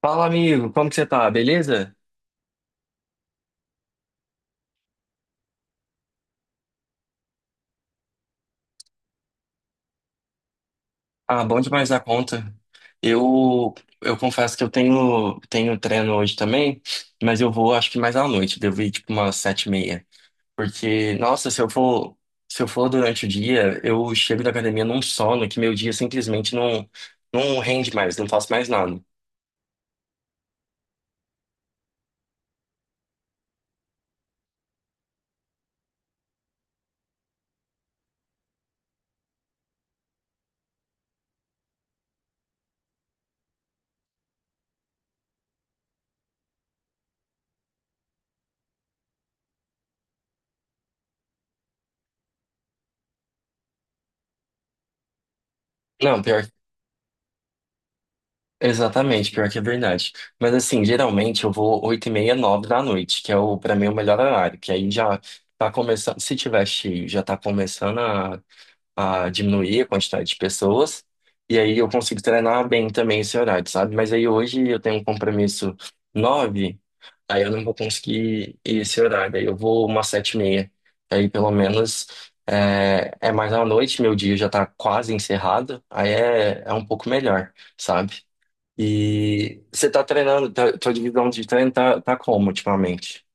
Fala, amigo, como que você tá? Beleza? Ah, bom demais da conta. Eu eu confesso que eu tenho treino hoje também, mas eu vou acho que mais à noite, devo ir tipo umas 7:30. Porque, nossa, se eu for durante o dia, eu chego da academia num sono que meu dia simplesmente não rende mais, não faço mais nada. Não, pior. Exatamente, pior que é verdade. Mas assim, geralmente eu vou 8:30, 9h da noite, que é o para mim o melhor horário, que aí já tá começando, se tiver cheio, já tá começando a diminuir a quantidade de pessoas, e aí eu consigo treinar bem também esse horário, sabe? Mas aí hoje eu tenho um compromisso 9h, aí eu não vou conseguir ir esse horário, aí eu vou umas 7:30, aí pelo menos é mais à noite, meu dia já tá quase encerrado, aí é um pouco melhor, sabe? E você tá treinando, tá, tua divisão de treino tá como ultimamente?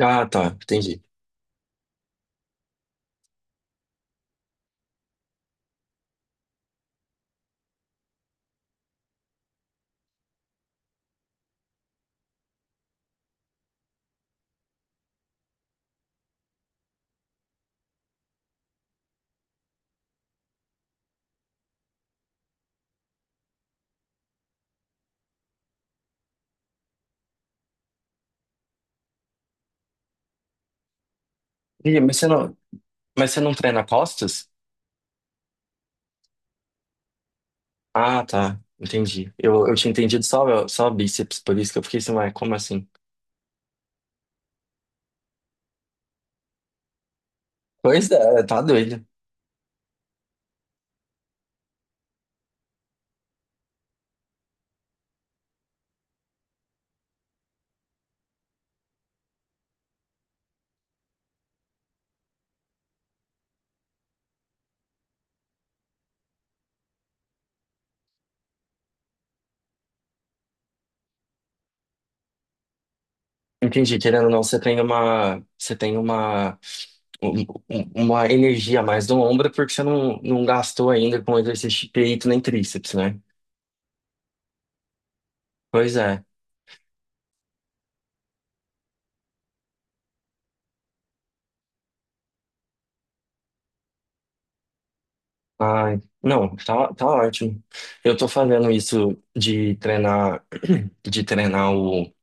Ah, tá, entendi. Ih, mas você não treina costas? Ah, tá, entendi. Eu tinha entendido só bíceps, por isso que eu fiquei assim, ué, como assim? Pois é, tá doido. Entendi, querendo ou não, você tem um- uma energia a mais no ombro porque você não gastou ainda com exercício de peito nem tríceps, né? Pois é. Ai, não, tá ótimo. Eu tô fazendo isso de treinar o,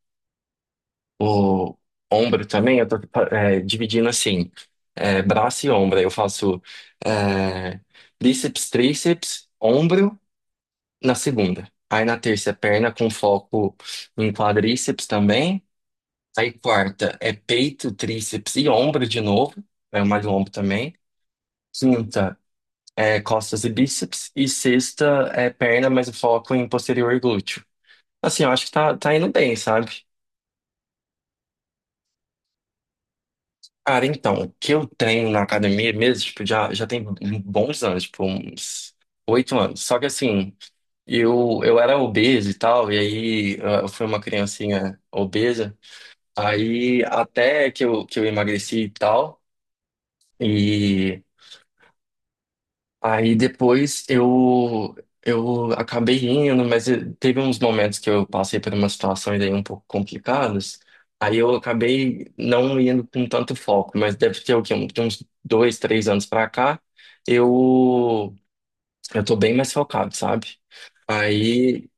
o ombro também. Eu tô dividindo assim, braço e ombro. Eu faço é, bíceps, tríceps, ombro na segunda. Aí na terça é perna com foco em quadríceps também. Aí quarta é peito, tríceps e ombro de novo. É mais ombro também. Quinta é costas e bíceps, e sexta é perna, mas o foco em posterior glúteo. Assim, eu acho que tá indo bem, sabe? Cara, então, o que eu treino na academia mesmo, tipo, já tem bons anos, tipo, uns 8 anos. Só que assim, eu era obeso e tal, e aí eu fui uma criancinha obesa, aí até que eu emagreci e tal. Aí depois eu acabei indo, mas teve uns momentos que eu passei por umas situações aí um pouco complicadas. Aí eu acabei não indo com tanto foco, mas deve ter o quê? De uns 2, 3 anos pra cá, eu eu tô bem mais focado, sabe? Aí,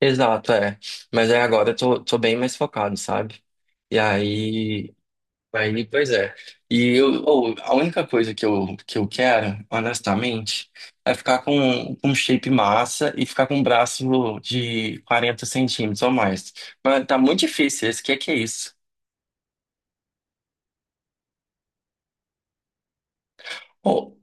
exato, é. Mas aí agora eu tô bem mais focado, sabe? E aí. Aí, pois é. A única coisa que eu quero, honestamente, é ficar com um shape massa e ficar com um braço de 40 centímetros ou mais. Mas tá muito difícil esse, que é isso? Ou,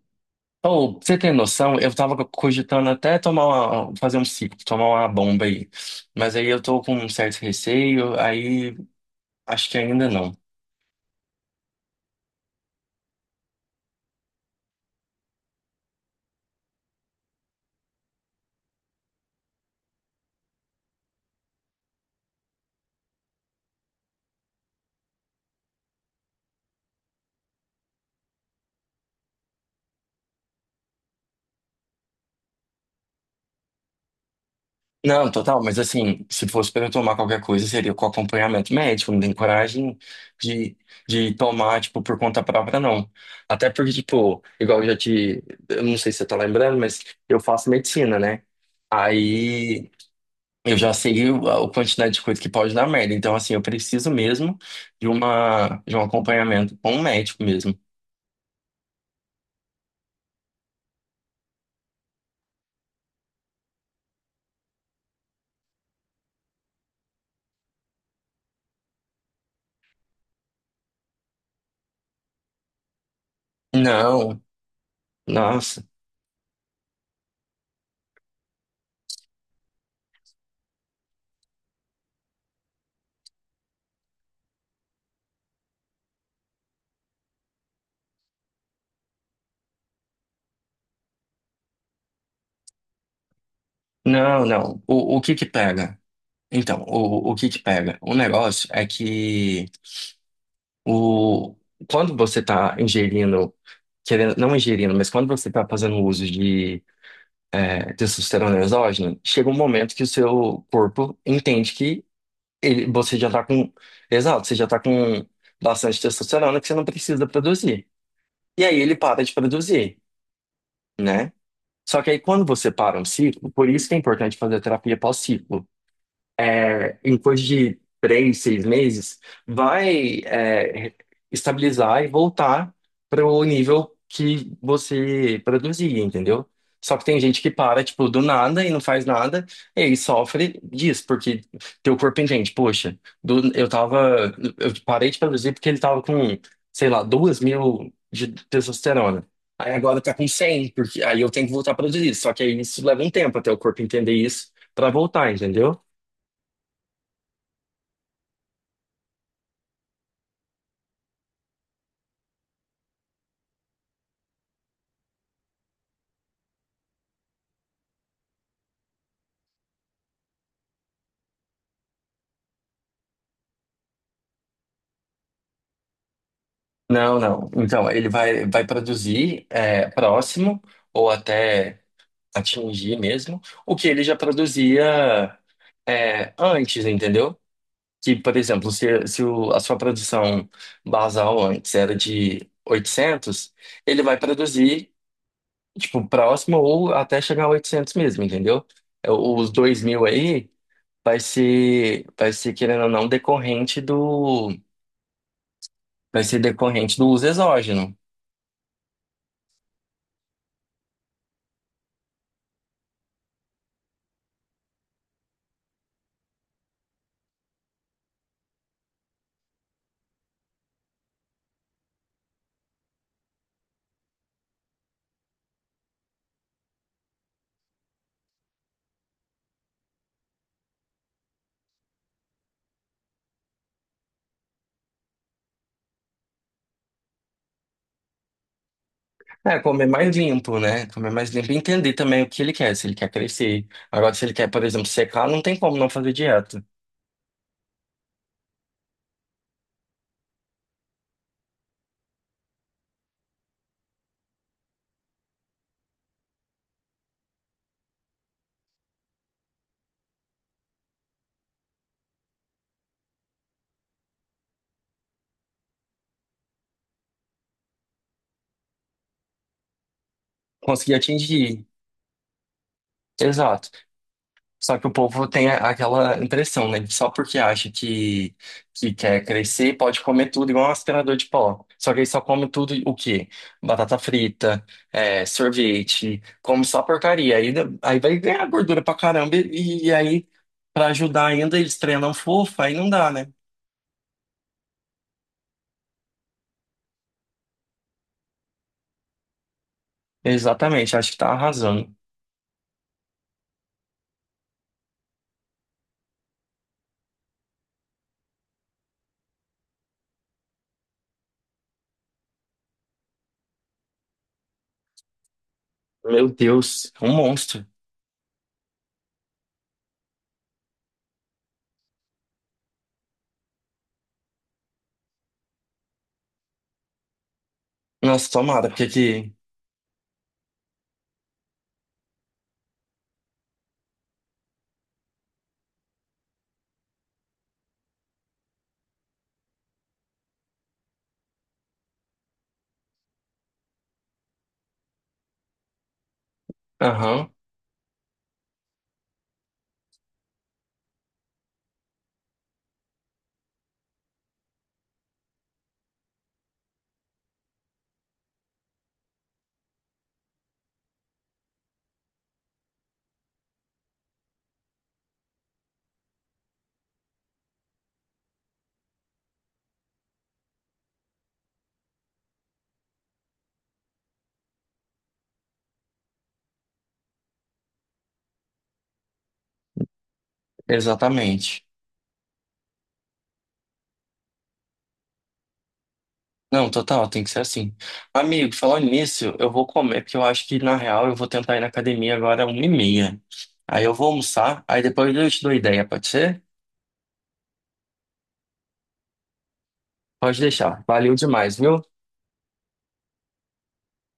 Pra você tem noção, eu tava cogitando até tomar fazer um ciclo, tomar uma bomba aí. Mas aí eu tô com um certo receio, aí acho que ainda não. Não, total, mas assim, se fosse para eu tomar qualquer coisa, seria com acompanhamento médico, não tem coragem de, de tomar, tipo, por conta própria, não. Até porque, tipo, igual eu já te. Eu não sei se você tá lembrando, mas eu faço medicina, né? Aí eu já sei a quantidade de coisa que pode dar merda. Então, assim, eu preciso mesmo de uma, de um acompanhamento com um médico mesmo. Não, nossa, não, não. O que que pega? Então, o que que pega? O negócio é que. O, quando você está ingerindo, querendo, não ingerindo, mas quando você está fazendo uso de testosterona exógena, chega um momento que o seu corpo entende que ele, você já está com, exato, você já está com bastante testosterona que você não precisa produzir. E aí ele para de produzir, né? Só que aí quando você para um ciclo, por isso que é importante fazer a terapia pós-ciclo. É em coisa de 3, 6 meses, vai estabilizar e voltar para o nível que você produzia, entendeu? Só que tem gente que para, tipo, do nada e não faz nada, e aí sofre disso, porque teu corpo entende, poxa, do- eu tava, eu parei de produzir porque ele tava com, sei lá, 2.000 de testosterona. Aí agora tá com 100 porque aí eu tenho que voltar a produzir. Só que aí isso leva um tempo até o corpo entender isso pra voltar, entendeu? Não, não. Então, ele vai produzir próximo ou até atingir mesmo o que ele já produzia antes, entendeu? Que, por exemplo, se a sua produção basal antes era de 800, ele vai produzir, tipo, próximo ou até chegar a 800 mesmo, entendeu? Os 2.000 aí vai ser, querendo ou não, decorrente do uso exógeno. É, comer mais limpo, né? Comer mais limpo e entender também o que ele quer, se ele quer crescer. Agora, se ele quer, por exemplo, secar, não tem como não fazer dieta. Conseguir atingir. Exato. Só que o povo tem aquela impressão, né? Só porque acha que quer crescer, pode comer tudo, igual um aspirador de pó. Só que ele só come tudo o quê? Batata frita, sorvete, come só porcaria. Aí, aí vai ganhar gordura pra caramba e aí, pra ajudar ainda, eles treinam fofo, aí não dá, né? Exatamente, acho que tá arrasando. Meu Deus, um monstro. Nossa, tomara, porque aqui. Aham, exatamente. Não, total, tem que ser assim. Amigo, falando nisso, eu vou comer, porque eu acho que, na real, eu vou tentar ir na academia agora 1:30. Aí eu vou almoçar, aí depois eu te dou ideia, pode ser? Pode deixar. Valeu demais, viu?